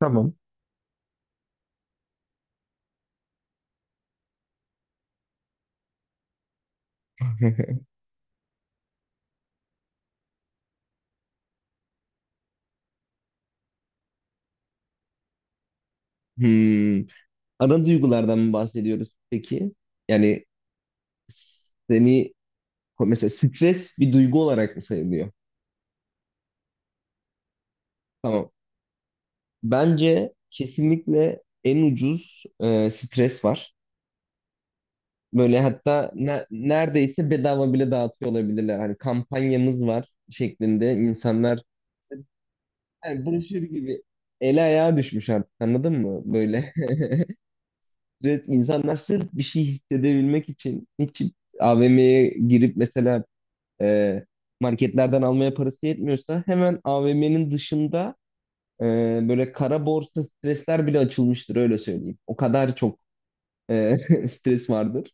Tamam. Hmm. Ana duygulardan mı bahsediyoruz peki? Yani seni mesela stres bir duygu olarak mı sayılıyor? Tamam. Bence kesinlikle en ucuz stres var. Böyle hatta neredeyse bedava bile dağıtıyor olabilirler. Hani kampanyamız var şeklinde insanlar yani broşür gibi ele ayağa düşmüş artık anladın mı? Böyle. Evet, insanlar sırf bir şey hissedebilmek için hiç AVM'ye girip mesela e, marketlerden almaya parası yetmiyorsa hemen AVM'nin dışında e, böyle kara borsa stresler bile açılmıştır, öyle söyleyeyim. O kadar çok e, stres vardır.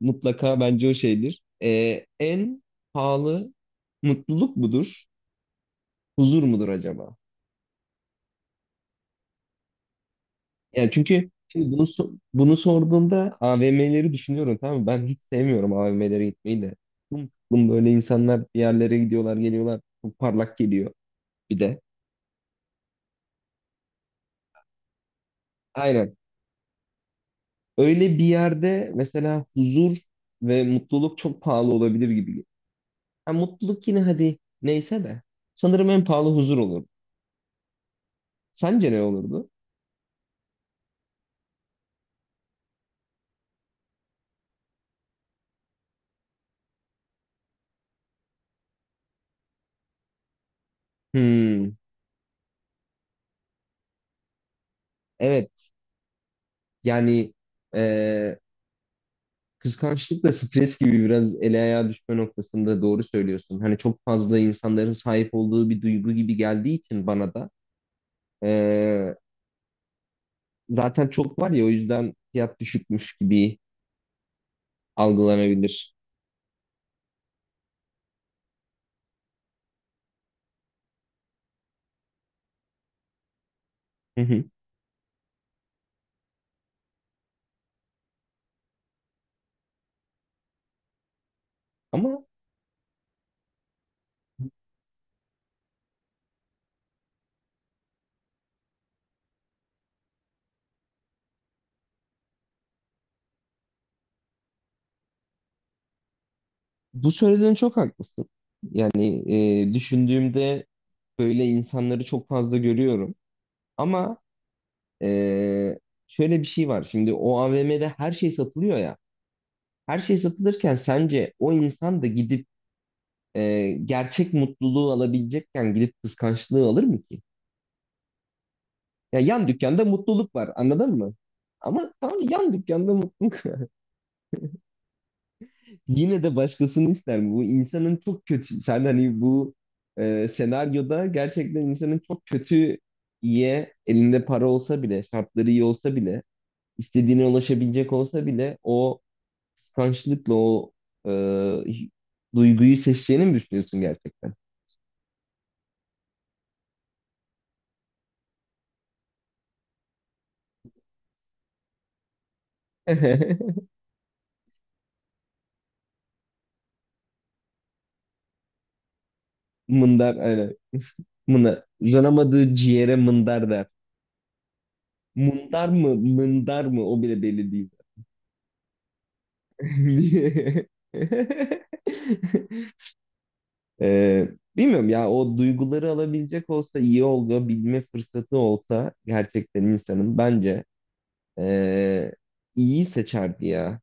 Mutlaka bence o şeydir. En pahalı mutluluk mudur? Huzur mudur acaba? Yani çünkü şimdi bunu bunu sorduğumda AVM'leri düşünüyorum, tamam mı? Ben hiç sevmiyorum AVM'lere gitmeyi de. Bunun böyle, insanlar bir yerlere gidiyorlar, geliyorlar. Çok parlak geliyor bir de. Aynen. Öyle bir yerde mesela huzur ve mutluluk çok pahalı olabilir gibi geliyor. Ha, mutluluk yine hadi neyse de sanırım en pahalı huzur olur. Sence ne olurdu? Hmm, evet. Yani kıskançlık da stres gibi biraz ele ayağa düşme noktasında, doğru söylüyorsun. Hani çok fazla insanların sahip olduğu bir duygu gibi geldiği için bana da eee, zaten çok var ya, o yüzden fiyat düşükmüş gibi algılanabilir. Hı hı. Ama bu söylediğin, çok haklısın. Yani düşündüğümde böyle insanları çok fazla görüyorum. Ama eee, şöyle bir şey var. Şimdi o AVM'de her şey satılıyor ya. Her şey satılırken sence o insan da gidip gerçek mutluluğu alabilecekken gidip kıskançlığı alır mı ki? Ya yan dükkanda mutluluk var, anladın mı? Ama tam yan dükkanda mutluluk var. Yine de başkasını ister mi? Bu insanın çok kötü. Sen hani bu senaryoda gerçekten insanın çok kötü iyiye, elinde para olsa bile, şartları iyi olsa bile, istediğine ulaşabilecek olsa bile o kıskançlıkla o e, duyguyu seçeceğini mi düşünüyorsun gerçekten? Mındar aynen. Uzanamadığı ciğere mındar der. Mundar mı, mındar mı, o bile belli değil. Ee, Bilmiyorum ya, o duyguları alabilecek olsa iyi oldu, bilme fırsatı olsa gerçekten insanın bence ee, iyi seçerdi ya.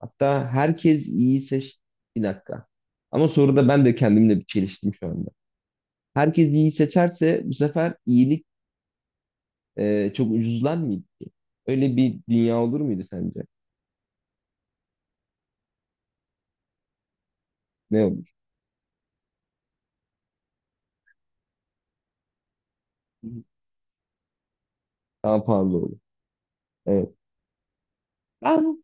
Hatta herkes iyi seç... Bir dakika. Ama soruda ben de kendimle bir çeliştim şu anda. Herkes iyi seçerse bu sefer iyilik çok ucuzlar mıydı ki? Öyle bir dünya olur muydu sence? Ne olur? Daha pahalı olur. Evet. Ben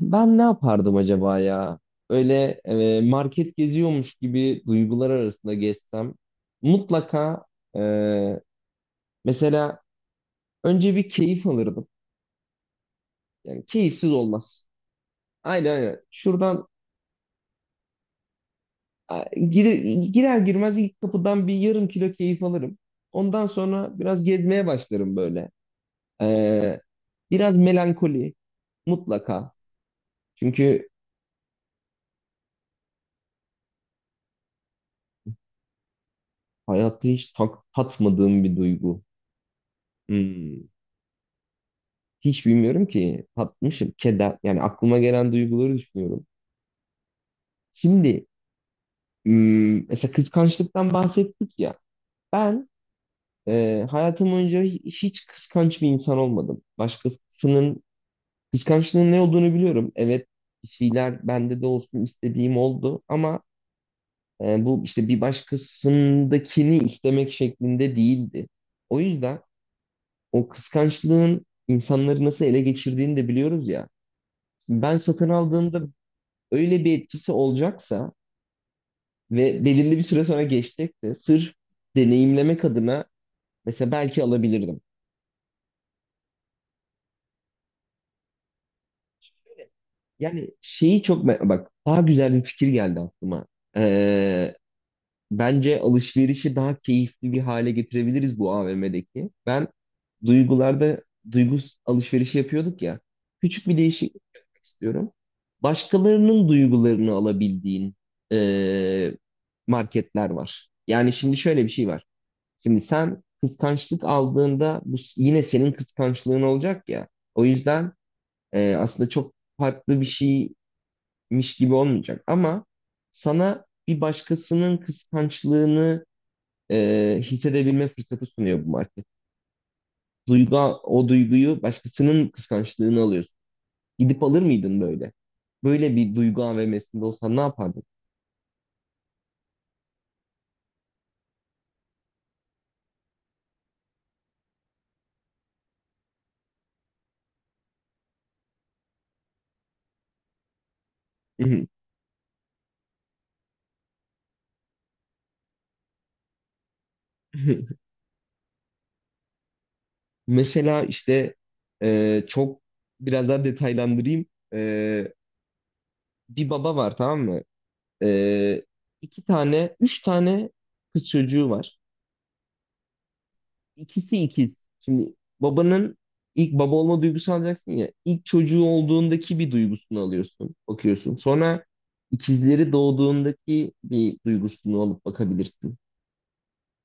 ben ne yapardım acaba ya? Öyle market geziyormuş gibi duygular arasında gezsem mutlaka e, mesela önce bir keyif alırdım. Yani keyifsiz olmaz. Aynen, aynen. Şuradan a, girer, girer girmez ilk kapıdan bir yarım kilo keyif alırım. Ondan sonra biraz gezmeye başlarım böyle. E, Biraz melankoli, mutlaka. Çünkü hayatta hiç tatmadığım bir duygu. Hmm. Hiç bilmiyorum ki tatmışım. Keder. Yani aklıma gelen duyguları düşünüyorum. Şimdi hmm, mesela kıskançlıktan bahsettik ya. Ben hayatım boyunca hiç kıskanç bir insan olmadım. Başkasının kıskançlığın ne olduğunu biliyorum. Evet, bir şeyler bende de olsun istediğim oldu ama bu işte bir başkasındakini istemek şeklinde değildi. O yüzden o kıskançlığın insanları nasıl ele geçirdiğini de biliyoruz ya. Ben satın aldığımda öyle bir etkisi olacaksa ve belirli bir süre sonra geçecekse sırf deneyimlemek adına mesela belki alabilirdim. Yani şeyi çok bak, daha güzel bir fikir geldi aklıma. Ee, Bence alışverişi daha keyifli bir hale getirebiliriz bu AVM'deki. Ben duygularda duygu alışverişi yapıyorduk ya. Küçük bir değişiklik yapmak istiyorum. Başkalarının duygularını alabildiğin eee, marketler var. Yani şimdi şöyle bir şey var. Şimdi sen kıskançlık aldığında bu yine senin kıskançlığın olacak ya. O yüzden aslında çok farklı bir şeymiş gibi olmayacak. Ama sana bir başkasının kıskançlığını hissedebilme fırsatı sunuyor bu market. Duygu, o duyguyu başkasının kıskançlığını alıyorsun. Gidip alır mıydın böyle? Böyle bir duygu AVM'sinde olsan ne yapardın? Mesela işte e, çok biraz daha detaylandırayım. E, Bir baba var, tamam mı? E, iki tane, üç tane kız çocuğu var. İkisi ikiz. Şimdi babanın ilk baba olma duygusu alacaksın ya. İlk çocuğu olduğundaki bir duygusunu alıyorsun, bakıyorsun. Sonra ikizleri doğduğundaki bir duygusunu alıp bakabilirsin.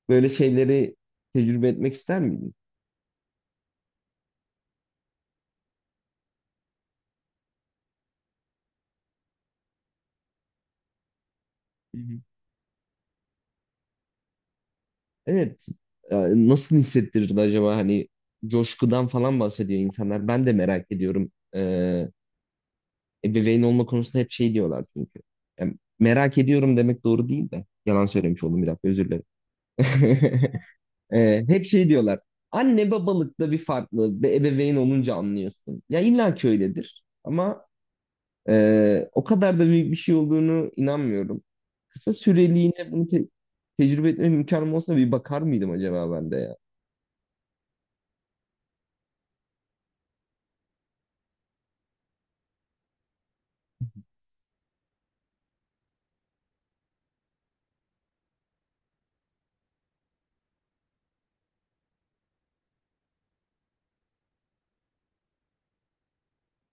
Böyle şeyleri tecrübe etmek ister miydin? Hı hı. Evet. Nasıl hissettirirdi acaba, hani coşkudan falan bahsediyor insanlar. Ben de merak ediyorum. Ebeveyn olma konusunda hep şey diyorlar çünkü. Yani merak ediyorum demek doğru değil de. Yalan söylemiş oldum, bir dakika, özür dilerim. Hep şey diyorlar. Anne babalıkta bir farklı. Bir ebeveyn olunca anlıyorsun. Ya illa ki öyledir. Ama o kadar da büyük bir şey olduğunu inanmıyorum. Kısa süreliğine bunu tecrübe etme imkanım olsa bir bakar mıydım acaba ben de ya?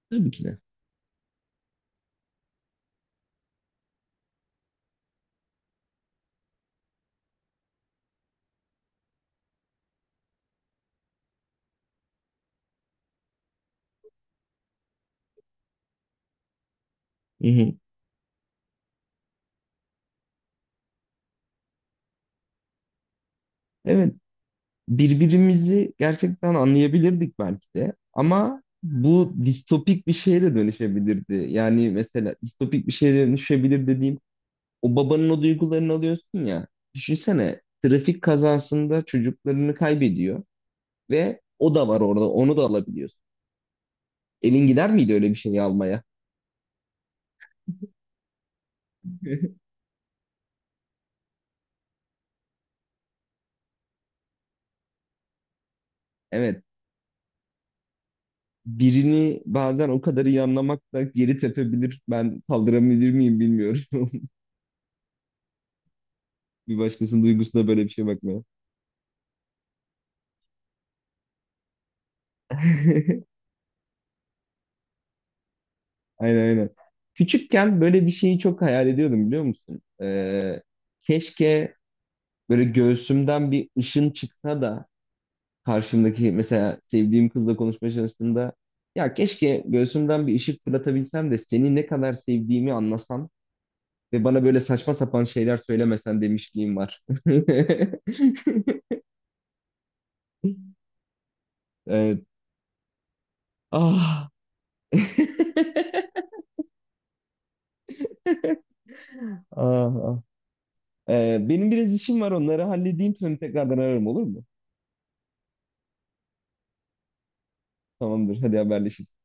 Tabii ki de. Hı hı. Evet. Birbirimizi gerçekten anlayabilirdik belki de. Ama bu distopik bir şeye de dönüşebilirdi. Yani mesela distopik bir şeye dönüşebilir dediğim, o babanın o duygularını alıyorsun ya. Düşünsene trafik kazasında çocuklarını kaybediyor ve o da var orada, onu da alabiliyorsun. Elin gider miydi öyle bir şeyi almaya? Evet. Birini bazen o kadar iyi anlamak da geri tepebilir. Ben kaldırabilir miyim bilmiyorum. Bir başkasının duygusuna böyle bir şey bakmaya. Aynen, aynen. Küçükken böyle bir şeyi çok hayal ediyordum, biliyor musun? Keşke böyle göğsümden bir ışın çıksa da karşımdaki mesela sevdiğim kızla konuşmaya çalıştığımda, ya keşke göğsümden bir ışık fırlatabilsem de seni ne kadar sevdiğimi anlasam ve bana böyle saçma sapan şeyler söylemesen demişliğim var. Evet. Ah. Ah, ah. Benim biraz işim var, onları halledeyim sonra tekrardan ararım, olur mu? Tamamdır, hadi haberleşiriz.